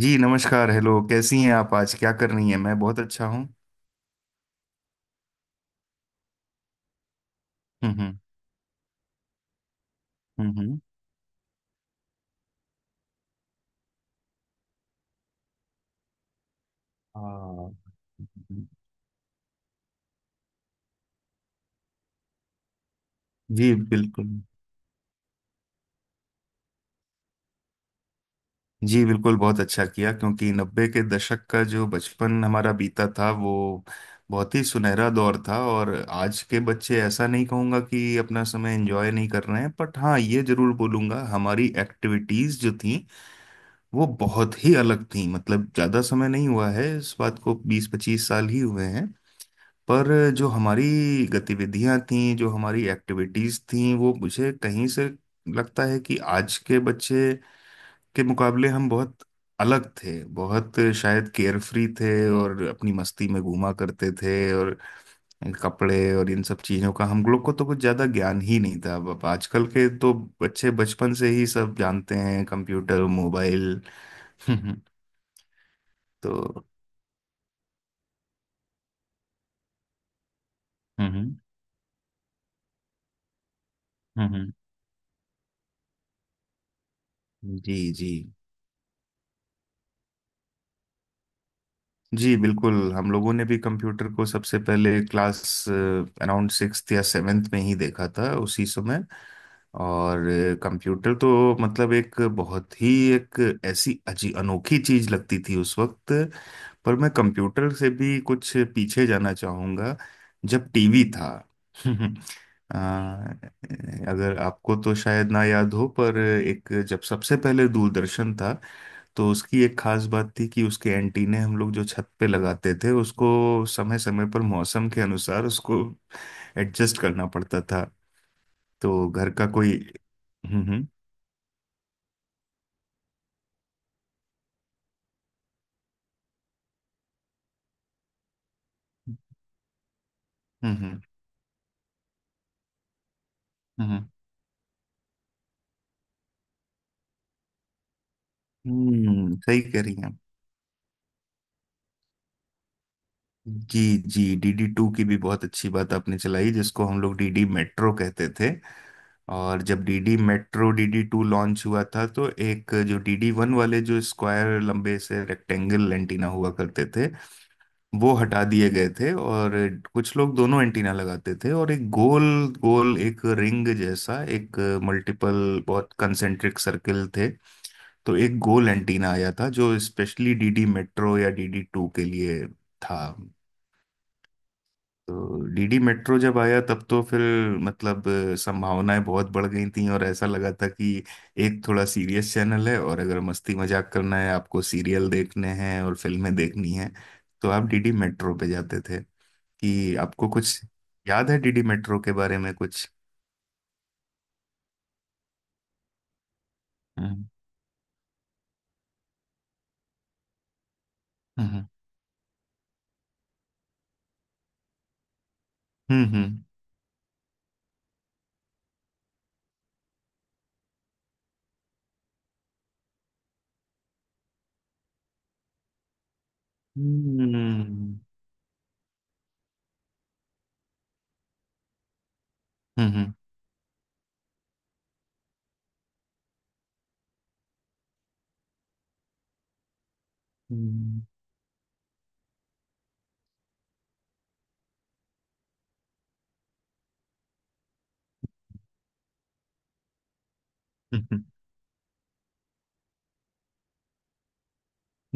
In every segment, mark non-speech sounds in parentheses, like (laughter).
जी नमस्कार। हेलो, कैसी हैं आप? आज क्या कर रही हैं? मैं बहुत अच्छा हूँ। हम्म, हम्म। हम्म, हाँ। जी बिल्कुल। जी बिल्कुल, बहुत अच्छा किया, क्योंकि नब्बे के दशक का जो बचपन हमारा बीता था वो बहुत ही सुनहरा दौर था। और आज के बच्चे, ऐसा नहीं कहूँगा कि अपना समय एंजॉय नहीं कर रहे हैं, बट हाँ, ये जरूर बोलूँगा, हमारी एक्टिविटीज़ जो थी वो बहुत ही अलग थी। मतलब ज़्यादा समय नहीं हुआ है इस बात को, 20-25 साल ही हुए हैं। पर जो हमारी गतिविधियां थीं, जो हमारी एक्टिविटीज थीं, वो मुझे कहीं से लगता है कि आज के बच्चे के मुकाबले हम बहुत अलग थे। बहुत शायद केयरफ्री थे, और अपनी मस्ती में घूमा करते थे। और कपड़े और इन सब चीजों का हम लोग को तो कुछ ज्यादा ज्ञान ही नहीं था। अब आजकल के तो बच्चे बचपन से ही सब जानते हैं, कंप्यूटर, मोबाइल। (laughs) तो। हम्म, हम्म, हम्म। जी, जी। जी बिल्कुल, हम लोगों ने भी कंप्यूटर को सबसे पहले क्लास अराउंड सिक्स्थ या सेवेंथ में ही देखा था, उसी समय। और कंप्यूटर तो मतलब एक बहुत ही, एक ऐसी अजी अनोखी चीज लगती थी उस वक्त। पर मैं कंप्यूटर से भी कुछ पीछे जाना चाहूँगा, जब टीवी था। (laughs) अ, अगर आपको तो शायद ना याद हो, पर एक, जब सबसे पहले दूरदर्शन था, तो उसकी एक खास बात थी कि उसके एंटीने हम लोग जो छत पे लगाते थे, उसको समय समय पर मौसम के अनुसार उसको एडजस्ट करना पड़ता था। तो घर का कोई। हम्म, हम्म, हम्म, हम्म, हम्म, हम्म। सही कह रही हैं आप। जी, जी। डीडी टू की भी बहुत अच्छी बात आपने चलाई, जिसको हम लोग डीडी मेट्रो कहते थे। और जब DD metro, DD two launch हुआ था, तो एक जो डीडी वन वाले, जो स्क्वायर लंबे से रेक्टेंगल एंटीना हुआ करते थे, वो हटा दिए गए थे। और कुछ लोग दोनों एंटीना लगाते थे, और एक गोल गोल, एक रिंग जैसा, एक मल्टीपल बहुत कंसेंट्रिक सर्किल थे। तो एक गोल एंटीना आया था जो स्पेशली डीडी मेट्रो या डीडी टू के लिए था। तो डीडी मेट्रो जब आया तब तो फिर, मतलब, संभावनाएं बहुत बढ़ गई थी, और ऐसा लगा था कि एक थोड़ा सीरियस चैनल है, और अगर मस्ती मजाक करना है, आपको सीरियल देखने हैं और फिल्में देखनी हैं, तो आप डीडी मेट्रो पे जाते थे। कि आपको कुछ याद है डीडी मेट्रो के बारे में कुछ? हम्म, हम्म, हम्म, हम्म, हम्म, हम्म, हम्म, हम्म।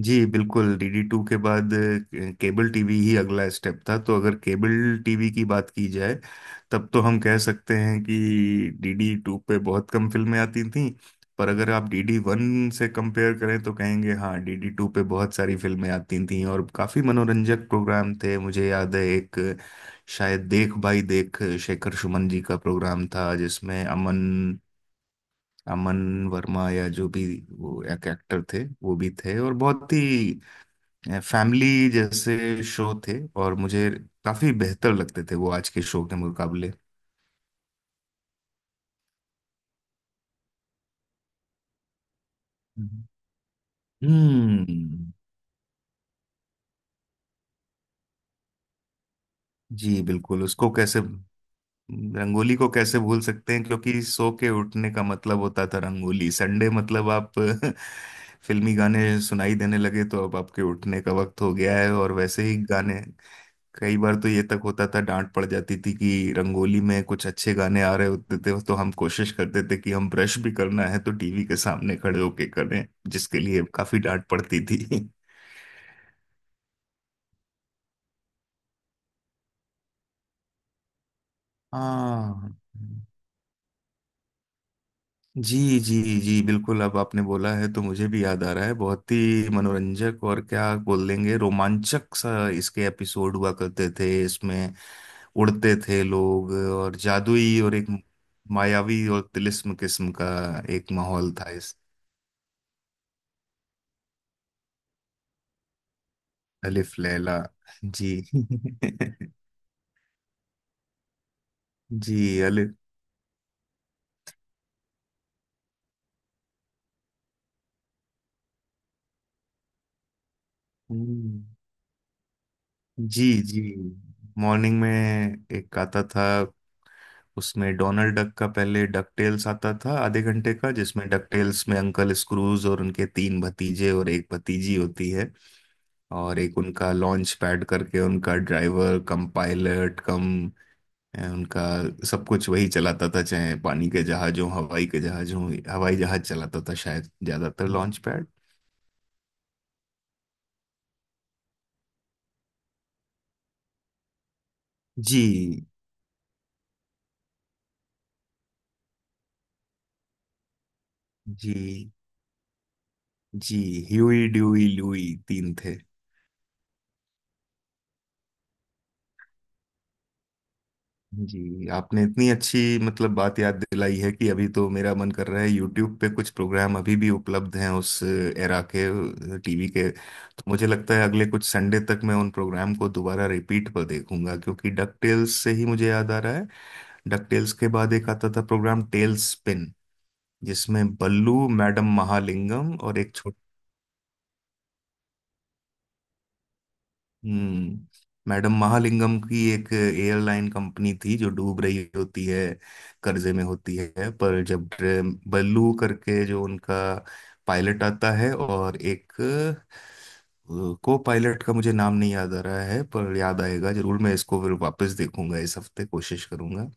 जी बिल्कुल, डीडी टू के बाद केबल टीवी ही अगला स्टेप था। तो अगर केबल टीवी की बात की जाए, तब तो हम कह सकते हैं कि डीडी टू पे बहुत कम फिल्में आती थीं। पर अगर आप डीडी वन से कंपेयर करें तो कहेंगे, हाँ, डीडी टू पे बहुत सारी फिल्में आती थीं, और काफ़ी मनोरंजक प्रोग्राम थे। मुझे याद है, एक शायद देख भाई देख, शेखर सुमन जी का प्रोग्राम था, जिसमें अमन अमन वर्मा, या जो भी, वो एक एक्टर थे, वो भी थे। और बहुत ही फैमिली जैसे शो थे, और मुझे काफी बेहतर लगते थे वो आज के शो के मुकाबले। हम्म। हम्म। जी बिल्कुल, उसको कैसे रंगोली को कैसे भूल सकते हैं, क्योंकि सो के उठने का मतलब होता था रंगोली। संडे मतलब आप, (laughs) फिल्मी गाने सुनाई देने लगे तो अब आपके उठने का वक्त हो गया है। और वैसे ही गाने, कई बार तो ये तक होता था, डांट पड़ जाती थी कि रंगोली में कुछ अच्छे गाने आ रहे होते थे, तो हम कोशिश करते थे कि हम, ब्रश भी करना है तो टीवी के सामने खड़े होके करें, जिसके लिए काफी डांट पड़ती थी। हाँ। जी, जी। जी बिल्कुल, अब आपने बोला है तो मुझे भी याद आ रहा है। बहुत ही मनोरंजक, और क्या बोल देंगे, रोमांचक सा इसके एपिसोड हुआ करते थे। इसमें उड़ते थे लोग, और जादुई, और एक मायावी और तिलिस्म किस्म का एक माहौल था। अलिफ लैला। जी। (laughs) जी। अलिफ। हम्म, जी, जी। मॉर्निंग में एक आता था, उसमें डोनाल्ड डक का, पहले डक टेल्स आता था आधे घंटे का, जिसमें डक टेल्स में अंकल स्क्रूज और उनके तीन भतीजे और एक भतीजी होती है। और एक उनका लॉन्च पैड करके, उनका ड्राइवर कम पायलट कम उनका सब कुछ वही चलाता था, चाहे पानी के जहाज हो, हवाई के जहाज हो, हवाई जहाज चलाता था शायद ज्यादातर लॉन्च पैड। जी, जी। जी, ह्यूई ड्यूई ल्यूई तीन थे। जी, आपने इतनी अच्छी, मतलब, बात याद दिलाई है कि अभी तो मेरा मन कर रहा है, यूट्यूब पे कुछ प्रोग्राम अभी भी उपलब्ध हैं उस एरा के टीवी के, तो मुझे लगता है अगले कुछ संडे तक मैं उन प्रोग्राम को दोबारा रिपीट पर देखूंगा, क्योंकि डक टेल्स से ही मुझे याद आ रहा है, डक टेल्स के बाद एक आता था प्रोग्राम टेल स्पिन, जिसमें बल्लू, मैडम महालिंगम, और एक, हम्म, मैडम महालिंगम की एक एयरलाइन कंपनी थी जो डूब रही होती है, कर्जे में होती है, पर जब बल्लू करके जो उनका पायलट आता है, और एक को पायलट का मुझे नाम नहीं याद आ रहा है, पर याद आएगा जरूर, मैं इसको फिर वापस देखूंगा, इस हफ्ते कोशिश करूंगा।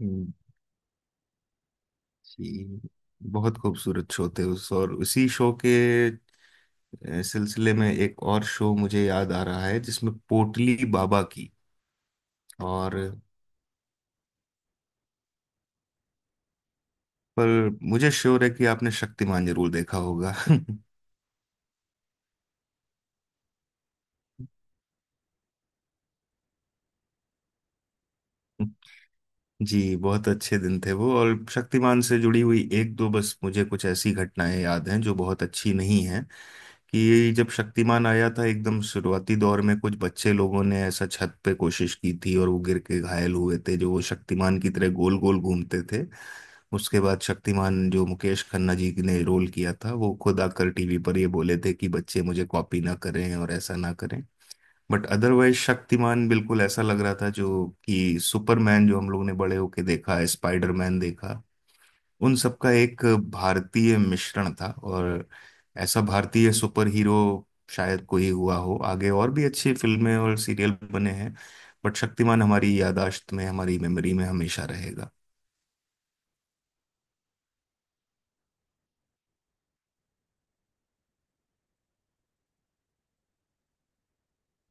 हम्म। जी, बहुत खूबसूरत शो थे उस और उसी शो के सिलसिले में एक और शो मुझे याद आ रहा है, जिसमें पोटली बाबा की, और, पर, मुझे श्योर है कि आपने शक्तिमान जरूर देखा होगा। (laughs) जी, बहुत अच्छे दिन थे वो। और शक्तिमान से जुड़ी हुई एक दो बस मुझे कुछ ऐसी घटनाएं याद हैं जो बहुत अच्छी नहीं हैं, कि जब शक्तिमान आया था एकदम शुरुआती दौर में, कुछ बच्चे लोगों ने ऐसा छत पे कोशिश की थी, और वो गिर के घायल हुए थे, जो वो शक्तिमान की तरह गोल गोल घूमते थे। उसके बाद शक्तिमान जो मुकेश खन्ना जी ने रोल किया था, वो खुद आकर टीवी पर ये बोले थे कि बच्चे मुझे कॉपी ना करें और ऐसा ना करें। बट अदरवाइज शक्तिमान बिल्कुल ऐसा लग रहा था, जो कि सुपरमैन जो हम लोग ने बड़े होके देखा है, स्पाइडरमैन देखा, उन सबका एक भारतीय मिश्रण था, और ऐसा भारतीय सुपर हीरो शायद कोई हुआ हो आगे, और भी अच्छी फिल्में और सीरियल बने हैं, बट शक्तिमान हमारी याददाश्त में, हमारी मेमोरी में हमेशा रहेगा।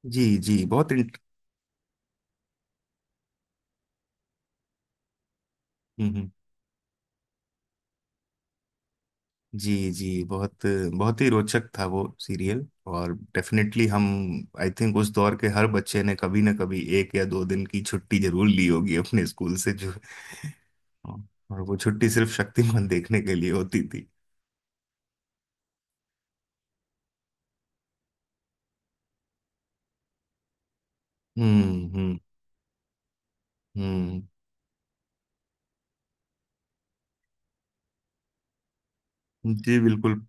जी, जी, बहुत, इंट जी, जी, बहुत, बहुत ही रोचक था वो सीरियल। और डेफिनेटली, हम, आई थिंक उस दौर के हर बच्चे ने कभी ना कभी एक या दो दिन की छुट्टी जरूर ली होगी अपने स्कूल से, जो, और वो छुट्टी सिर्फ शक्तिमान देखने के लिए होती थी। हम्म, हम्म, हम्म। जी बिल्कुल।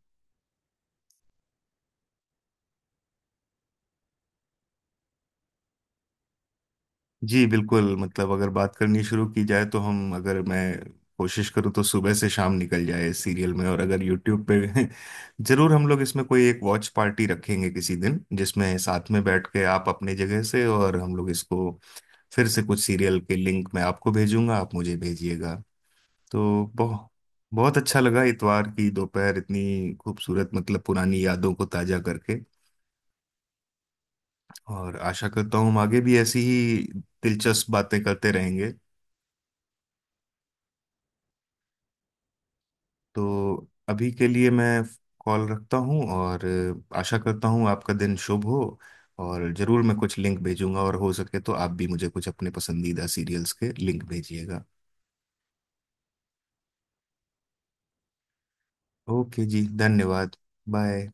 जी बिल्कुल, मतलब अगर बात करनी शुरू की जाए, तो हम अगर मैं कोशिश करूं तो सुबह से शाम निकल जाए इस सीरियल में, और अगर यूट्यूब पे, (laughs) जरूर हम लोग इसमें कोई एक वॉच पार्टी रखेंगे किसी दिन, जिसमें साथ में बैठ के, आप अपने जगह से और हम लोग इसको फिर से, कुछ सीरियल के लिंक मैं आपको भेजूंगा, आप मुझे भेजिएगा। तो बहुत, बहुत अच्छा लगा, इतवार की दोपहर इतनी खूबसूरत, मतलब, पुरानी यादों को ताजा करके। और आशा करता हूँ हम आगे भी ऐसी ही दिलचस्प बातें करते रहेंगे। तो अभी के लिए मैं कॉल रखता हूँ, और आशा करता हूँ आपका दिन शुभ हो, और जरूर मैं कुछ लिंक भेजूंगा, और हो सके तो आप भी मुझे कुछ अपने पसंदीदा सीरियल्स के लिंक भेजिएगा। ओके जी, धन्यवाद। बाय।